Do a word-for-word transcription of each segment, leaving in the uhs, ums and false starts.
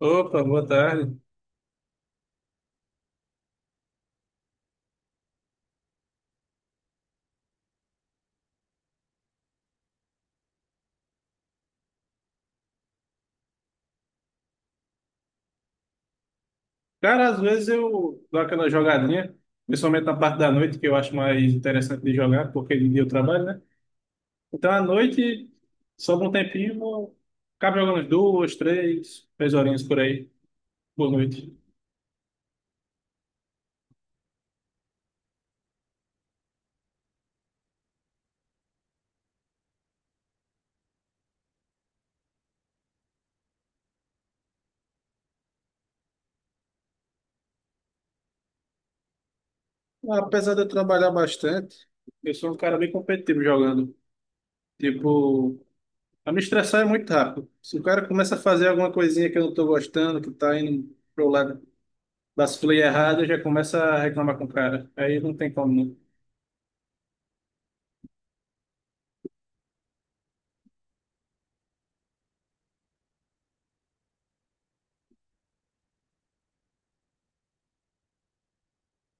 Opa, boa tarde. Cara, às vezes eu dou aquela jogadinha, principalmente na parte da noite, que eu acho mais interessante de jogar, porque de dia eu trabalho, né? Então à noite, sobra um tempinho, vou ficar jogando umas duas, três, três horinhas por aí. Boa noite. Apesar de eu trabalhar bastante, eu sou um cara bem competitivo jogando. Tipo, a me estressar é muito rápido. Se o cara começa a fazer alguma coisinha que eu não tô gostando, que tá indo pro lado, vacilei errado, eu já começa a reclamar com o cara. Aí não tem como, não.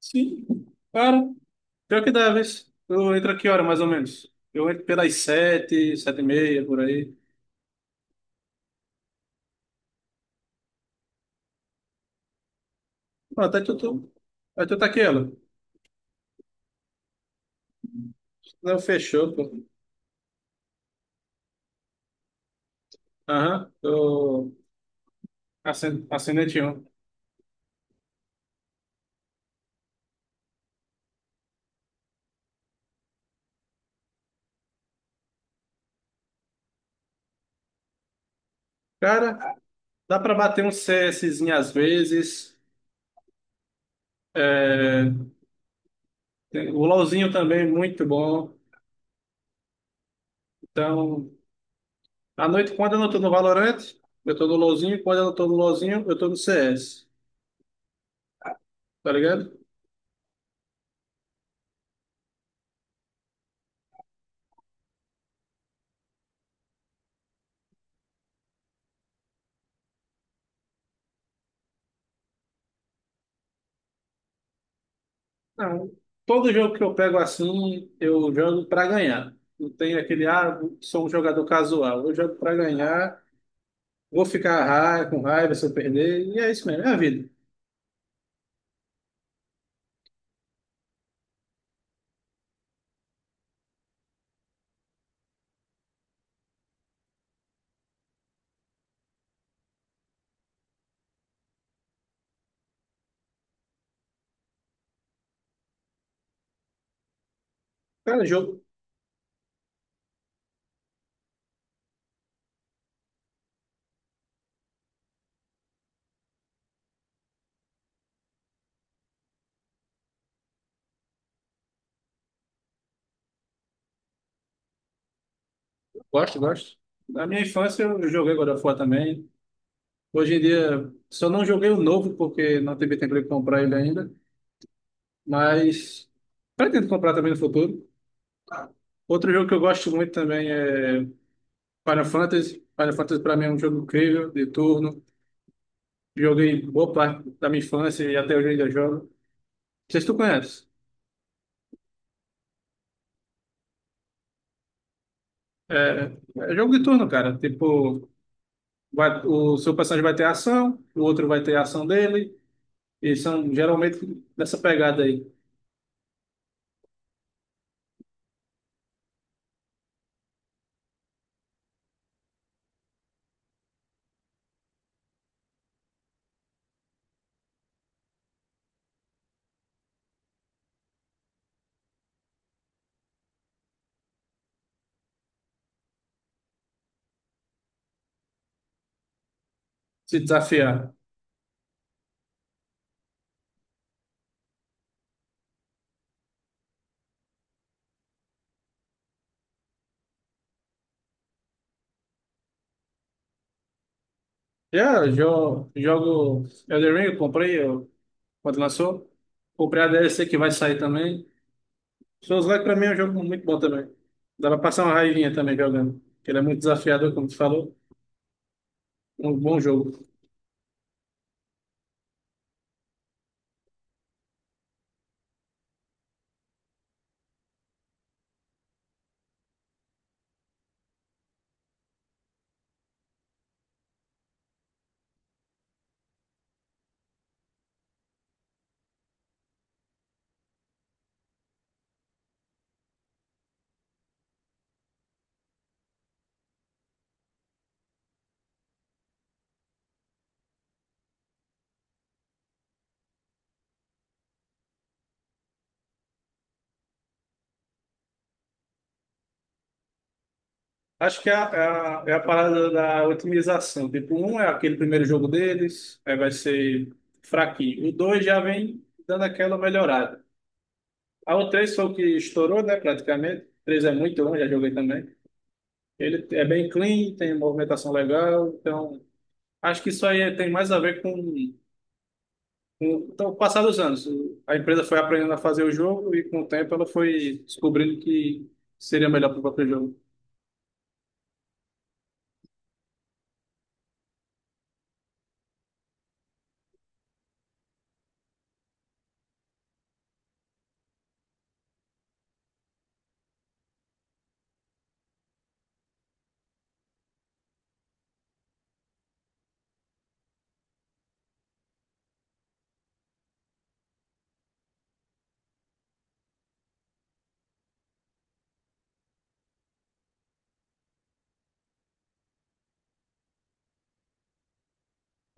Sim, claro. Pior que deves. Tu entra que hora, mais ou menos? Eu entro pelas sete, sete e meia, por aí. Pronto, aí tu, tu, aí tu tá aqui, ela. Não, fechou, pô. Aham, tô acen- assinante um. Cara, dá pra bater um CSzinho às vezes. É, tem- o LoLzinho também, muito bom. Então, à noite, quando eu não tô no Valorant, eu tô no LoLzinho. Quando eu não tô no LoLzinho, eu tô no C S. Tá ligado? Não. Todo jogo que eu pego assim, eu jogo para ganhar. Não tem aquele, ah, sou um jogador casual. Eu jogo para ganhar, vou ficar ra- com raiva se eu perder, e é isso mesmo, é a vida. Cara, jogo, gosto, gosto. Na minha infância eu joguei God of War também. Hoje em dia, só não joguei o novo, porque não tive tempo de comprar ele ainda, mas pretendo comprar também no futuro. Outro jogo que eu gosto muito também é Final Fantasy. Final Fantasy para mim é um jogo incrível, de turno. Joguei boa parte da minha infância e até hoje ainda jogo. Não sei se tu conhece. É, é jogo de turno, cara. Tipo, vai- o seu personagem vai ter ação, o outro vai ter a ação dele, e são geralmente dessa pegada aí, se desafiar. Já jo, jogo Elden Ring, eu comprei eu, quando lançou. Comprei a D L C que vai sair também. Souls Like pra mim é um jogo muito bom também. Dá pra passar uma raivinha também jogando. Ele é muito desafiador, como tu falou. Um bom jogo. Acho que é a, é a, é a parada da otimização. Tipo, um é aquele primeiro jogo deles, aí vai ser fraquinho. O dois já vem dando aquela melhorada. A o três foi o que estourou, né, praticamente. O três é muito bom, já joguei também. Ele é bem clean, tem movimentação legal, então acho que isso aí é- tem mais a ver com, com então, o passar dos anos. O- A empresa foi aprendendo a fazer o jogo e com o tempo ela foi descobrindo que seria melhor para o próprio jogo.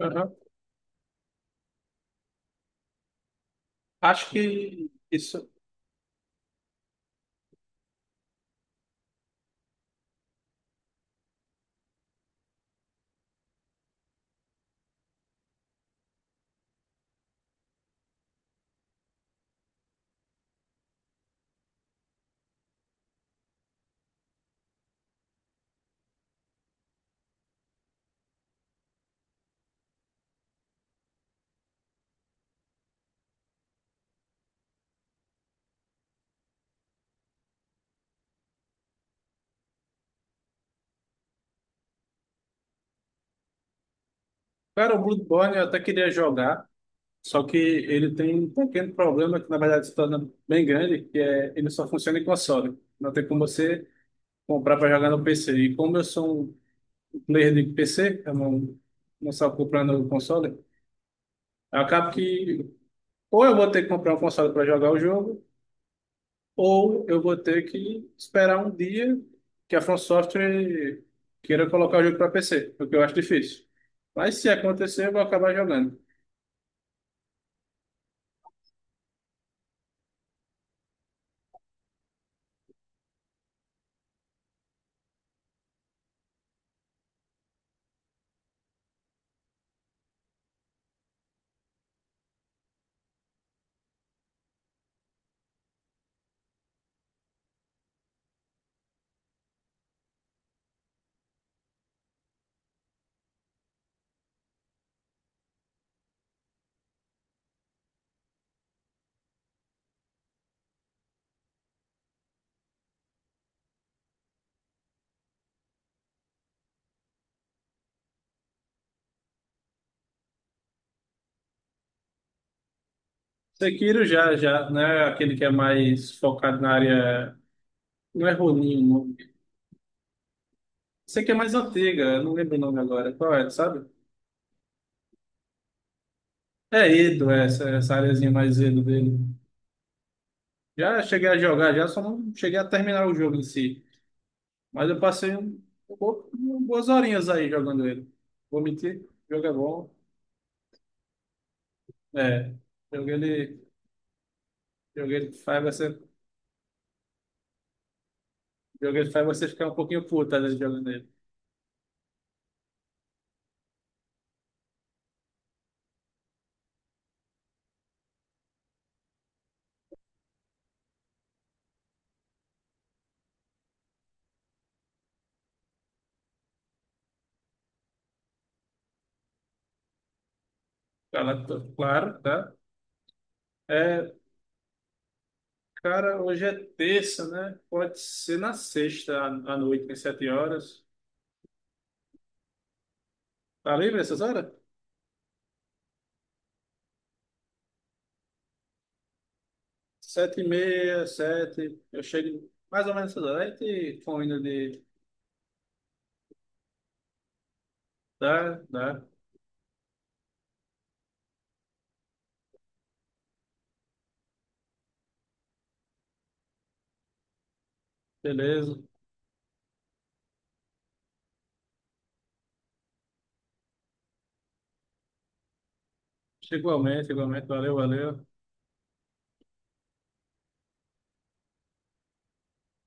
Aham. Acho que isso. Cara, o Bloodborne eu até queria jogar, só que ele tem um pequeno problema que na verdade se torna bem grande, que é ele só funciona em console. Não tem como você comprar para jogar no P C. E como eu sou um player de P C, eu não, não só comprando o console, eu acabo que ou eu vou ter que comprar um console para jogar o jogo, ou eu vou ter que esperar um dia que a From Software queira colocar o jogo para P C, o que eu acho difícil. Mas se acontecer, eu vou acabar jogando. Sekiro já, já, né? Aquele que é mais focado na área. Não é Ronin o nome? Sei que é mais antiga, eu não lembro o nome agora. Qual é, sabe? É Edo, é essa, essa areazinha mais Edo dele. Já cheguei a jogar, já só não cheguei a terminar o jogo em si. Mas eu passei um, um bo- boas horinhas aí jogando ele. Vou mentir, o jogo é bom. É, joguei ele, joguei ele faz essa. Jogo ele faz você ficar um pouquinho puto às vezes jogando ele. Ela- Claro, tá? É, cara, hoje é terça, né? Pode ser na sexta à à noite, às sete horas. Tá livre essas horas? Sete e meia, sete. Eu chego mais ou menos essas horas. Aí te combina de... Tá, tá. Beleza. Igualmente, igualmente. Valeu, valeu.